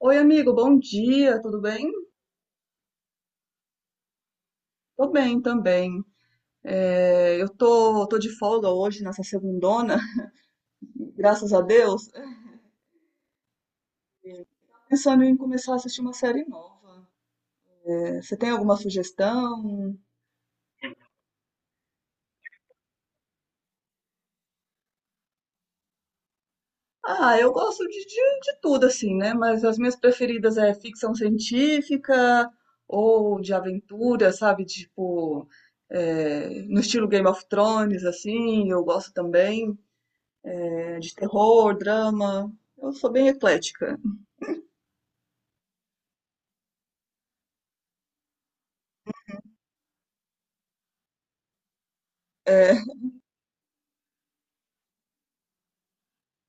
Oi, amigo, bom dia, tudo bem? Tô bem também. Eu tô de folga hoje, nessa segundona, graças a Deus. Pensando em começar a assistir uma série nova. Você tem alguma sugestão? Ah, eu gosto de tudo, assim, né? Mas as minhas preferidas é ficção científica ou de aventura, sabe? Tipo, no estilo Game of Thrones, assim, eu gosto também. É, de terror, drama. Eu sou bem eclética. É,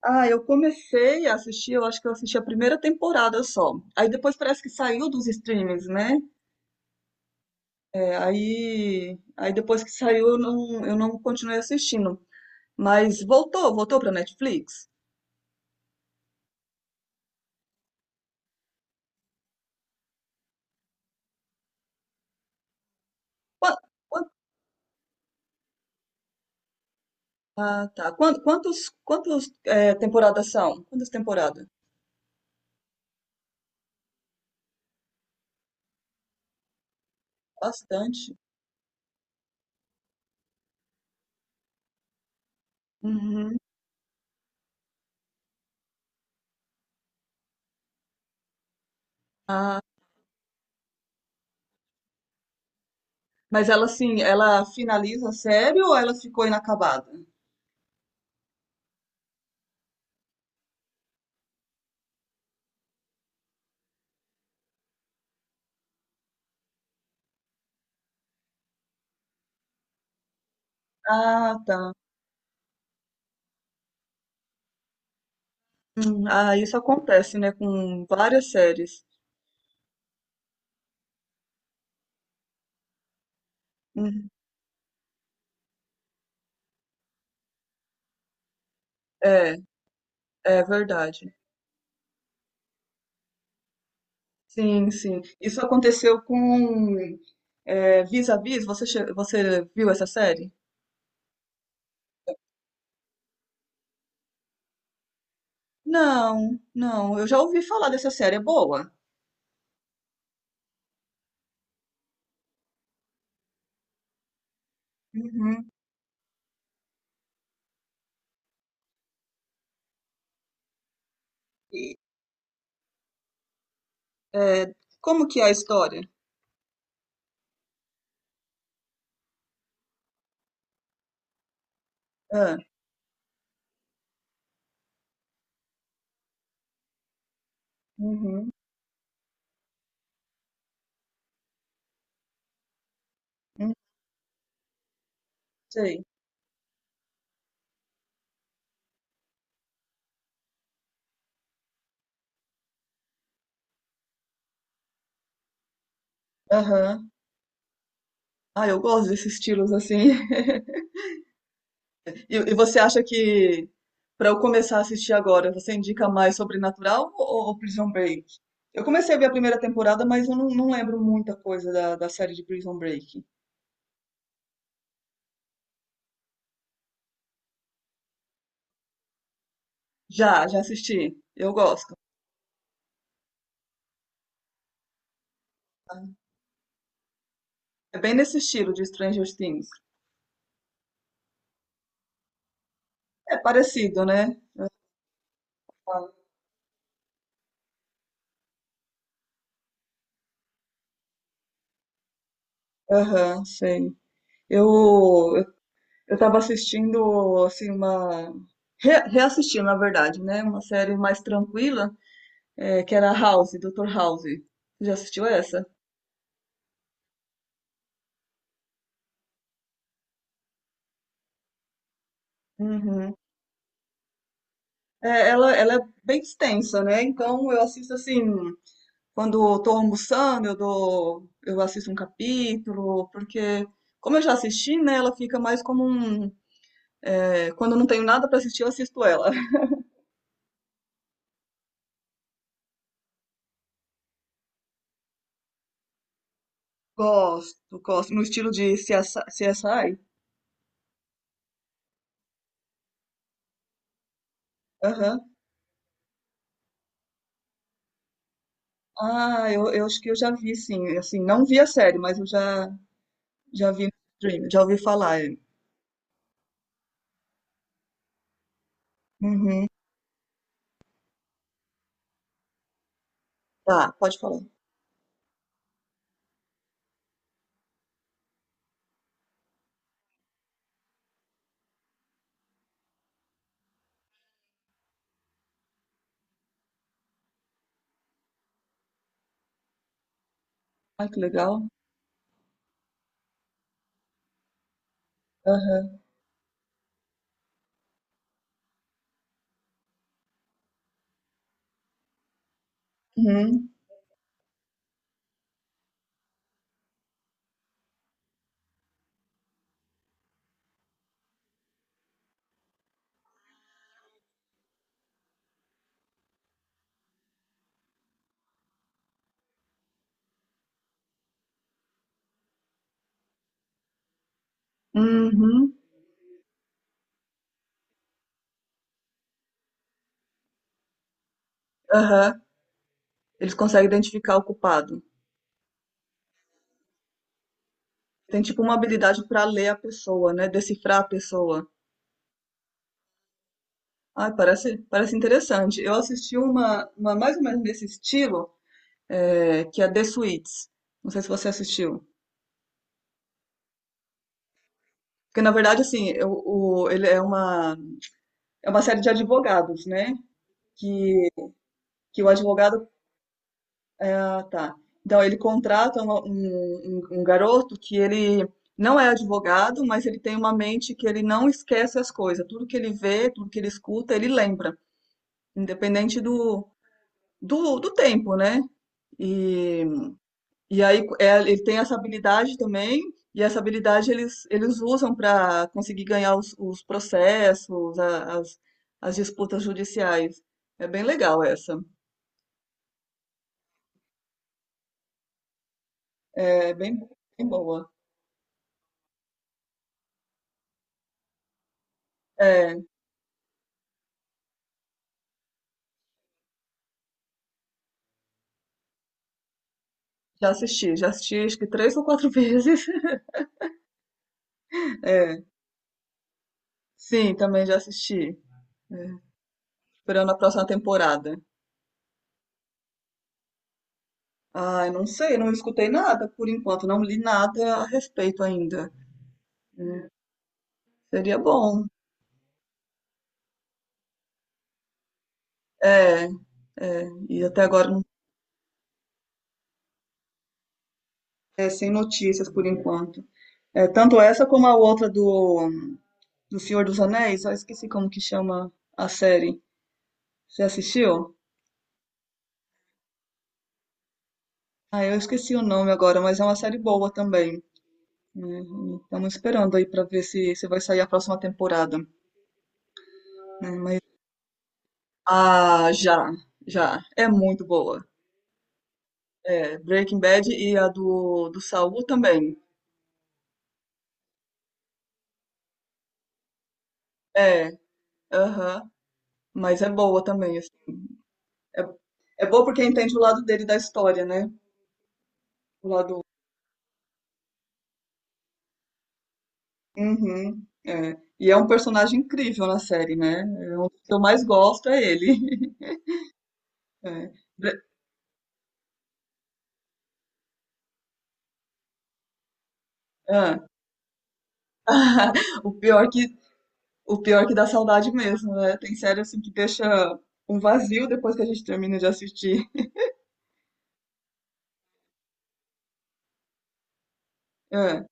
Ah, eu comecei a assistir, eu acho que eu assisti a primeira temporada só. Aí depois parece que saiu dos streams, né? É, aí depois que saiu, eu não continuei assistindo. Mas voltou pra Netflix? Qua- qua- ah, tá. Temporadas são? Quantas temporadas? Bastante. Uhum. Ah, mas ela, assim, ela finaliza a série ou ela ficou inacabada? Ah, tá. Ah, isso acontece, né, com várias séries. Uhum. É, é verdade. Sim, sim. Isso aconteceu com Vis-a-Vis. Você, você viu essa série? Não, não. Eu já ouvi falar dessa série. É boa? Uhum. E, é, como que é a história? Ah, uhum. Hum, sei. Aham. Ah, eu gosto desses estilos assim. E, e você acha que para eu começar a assistir agora, você indica mais Sobrenatural ou Prison Break? Eu comecei a ver a primeira temporada, mas eu não, não lembro muita coisa da, da série de Prison Break. Já, já assisti. Eu gosto. É bem nesse estilo de Stranger Things. É parecido, né? Aham, sei. Eu, eu tava assistindo, assim, uma. Reassistindo, na verdade, né? Uma série mais tranquila, que era House, Doutor House. Já assistiu essa? Uhum. É, ela é bem extensa, né? Então eu assisto assim, quando eu tô almoçando, eu assisto um capítulo, porque como eu já assisti, né, ela fica mais como um, quando eu não tenho nada pra assistir, eu assisto ela. Gosto, gosto, no estilo de CSI. Aham. Ah, eu acho que eu já vi, sim. Assim, não vi a série, mas eu já, já vi no stream, já ouvi falar. É. Uhum. Tá, pode falar. Ai, que legal. Aham. Uhum. Uhum. Aham. Eles conseguem identificar o culpado. Tem tipo uma habilidade para ler a pessoa, né? Decifrar a pessoa. Ai, parece, parece interessante. Eu assisti uma mais ou menos desse estilo, que é The Suits. Não sei se você assistiu. Porque, na verdade, assim, ele é uma série de advogados, né? Que, que o advogado. É, ah, tá. Então, ele contrata uma- um garoto que ele não é advogado, mas ele tem uma mente que ele não esquece as coisas. Tudo que ele vê, tudo que ele escuta, ele lembra. Independente do tempo, né? E, e aí é, ele tem essa habilidade também, e essa habilidade eles usam para conseguir ganhar os processos, as, as disputas judiciais. É bem legal essa. É bem, bem boa. É, já assisti acho que três ou quatro vezes. É, sim, também já assisti. É, esperando a próxima temporada. Ai, não sei, não escutei nada por enquanto, não li nada a respeito ainda. Seria bom. É, é, e até agora não é sem notícias por enquanto. É, tanto essa como a outra do, do Senhor dos Anéis, eu esqueci como que chama a série. Você assistiu? Ah, eu esqueci o nome agora, mas é uma série boa também. Né? Estamos esperando aí para ver se, se vai sair a próxima temporada. Né? Mas, ah, já, já. É muito boa. É, Breaking Bad e a do, do Saul também. É, aham. Mas é boa também. Assim. É, é boa porque entende o lado dele da história, né? O lado. Uhum, é. E é um personagem incrível na série, né? É um dos que eu mais gosto é ele. É. Bre- ah. O pior que, o pior que dá saudade mesmo, né? Tem série assim que deixa um vazio depois que a gente termina de assistir. É.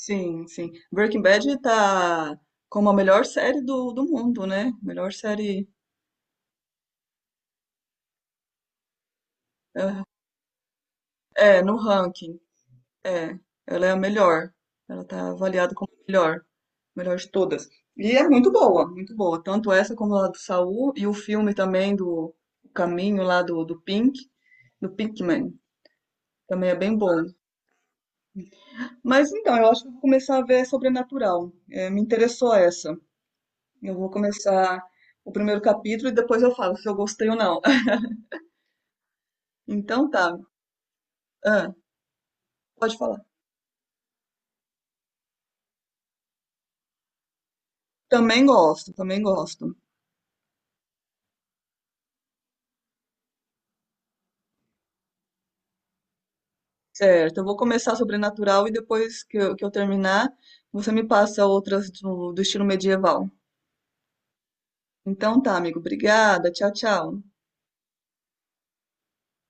Sim, sim. Breaking Bad tá como a melhor série do, do mundo, né? Melhor série. É, no ranking. É. Ela é a melhor. Ela tá avaliada como a melhor. Melhor de todas. E é muito boa, muito boa. Tanto essa como a do Saul e o filme também do Caminho lá do, do Pink, do Pinkman. Também é bem bom. Mas então, eu acho que eu vou começar a ver Sobrenatural. É, me interessou essa. Eu vou começar o primeiro capítulo e depois eu falo se eu gostei ou não. Então tá. Ah, pode falar. Também gosto, também gosto. Certo, eu vou começar Sobrenatural e depois que eu terminar, você me passa outras do do estilo medieval. Então tá, amigo. Obrigada. Tchau, tchau.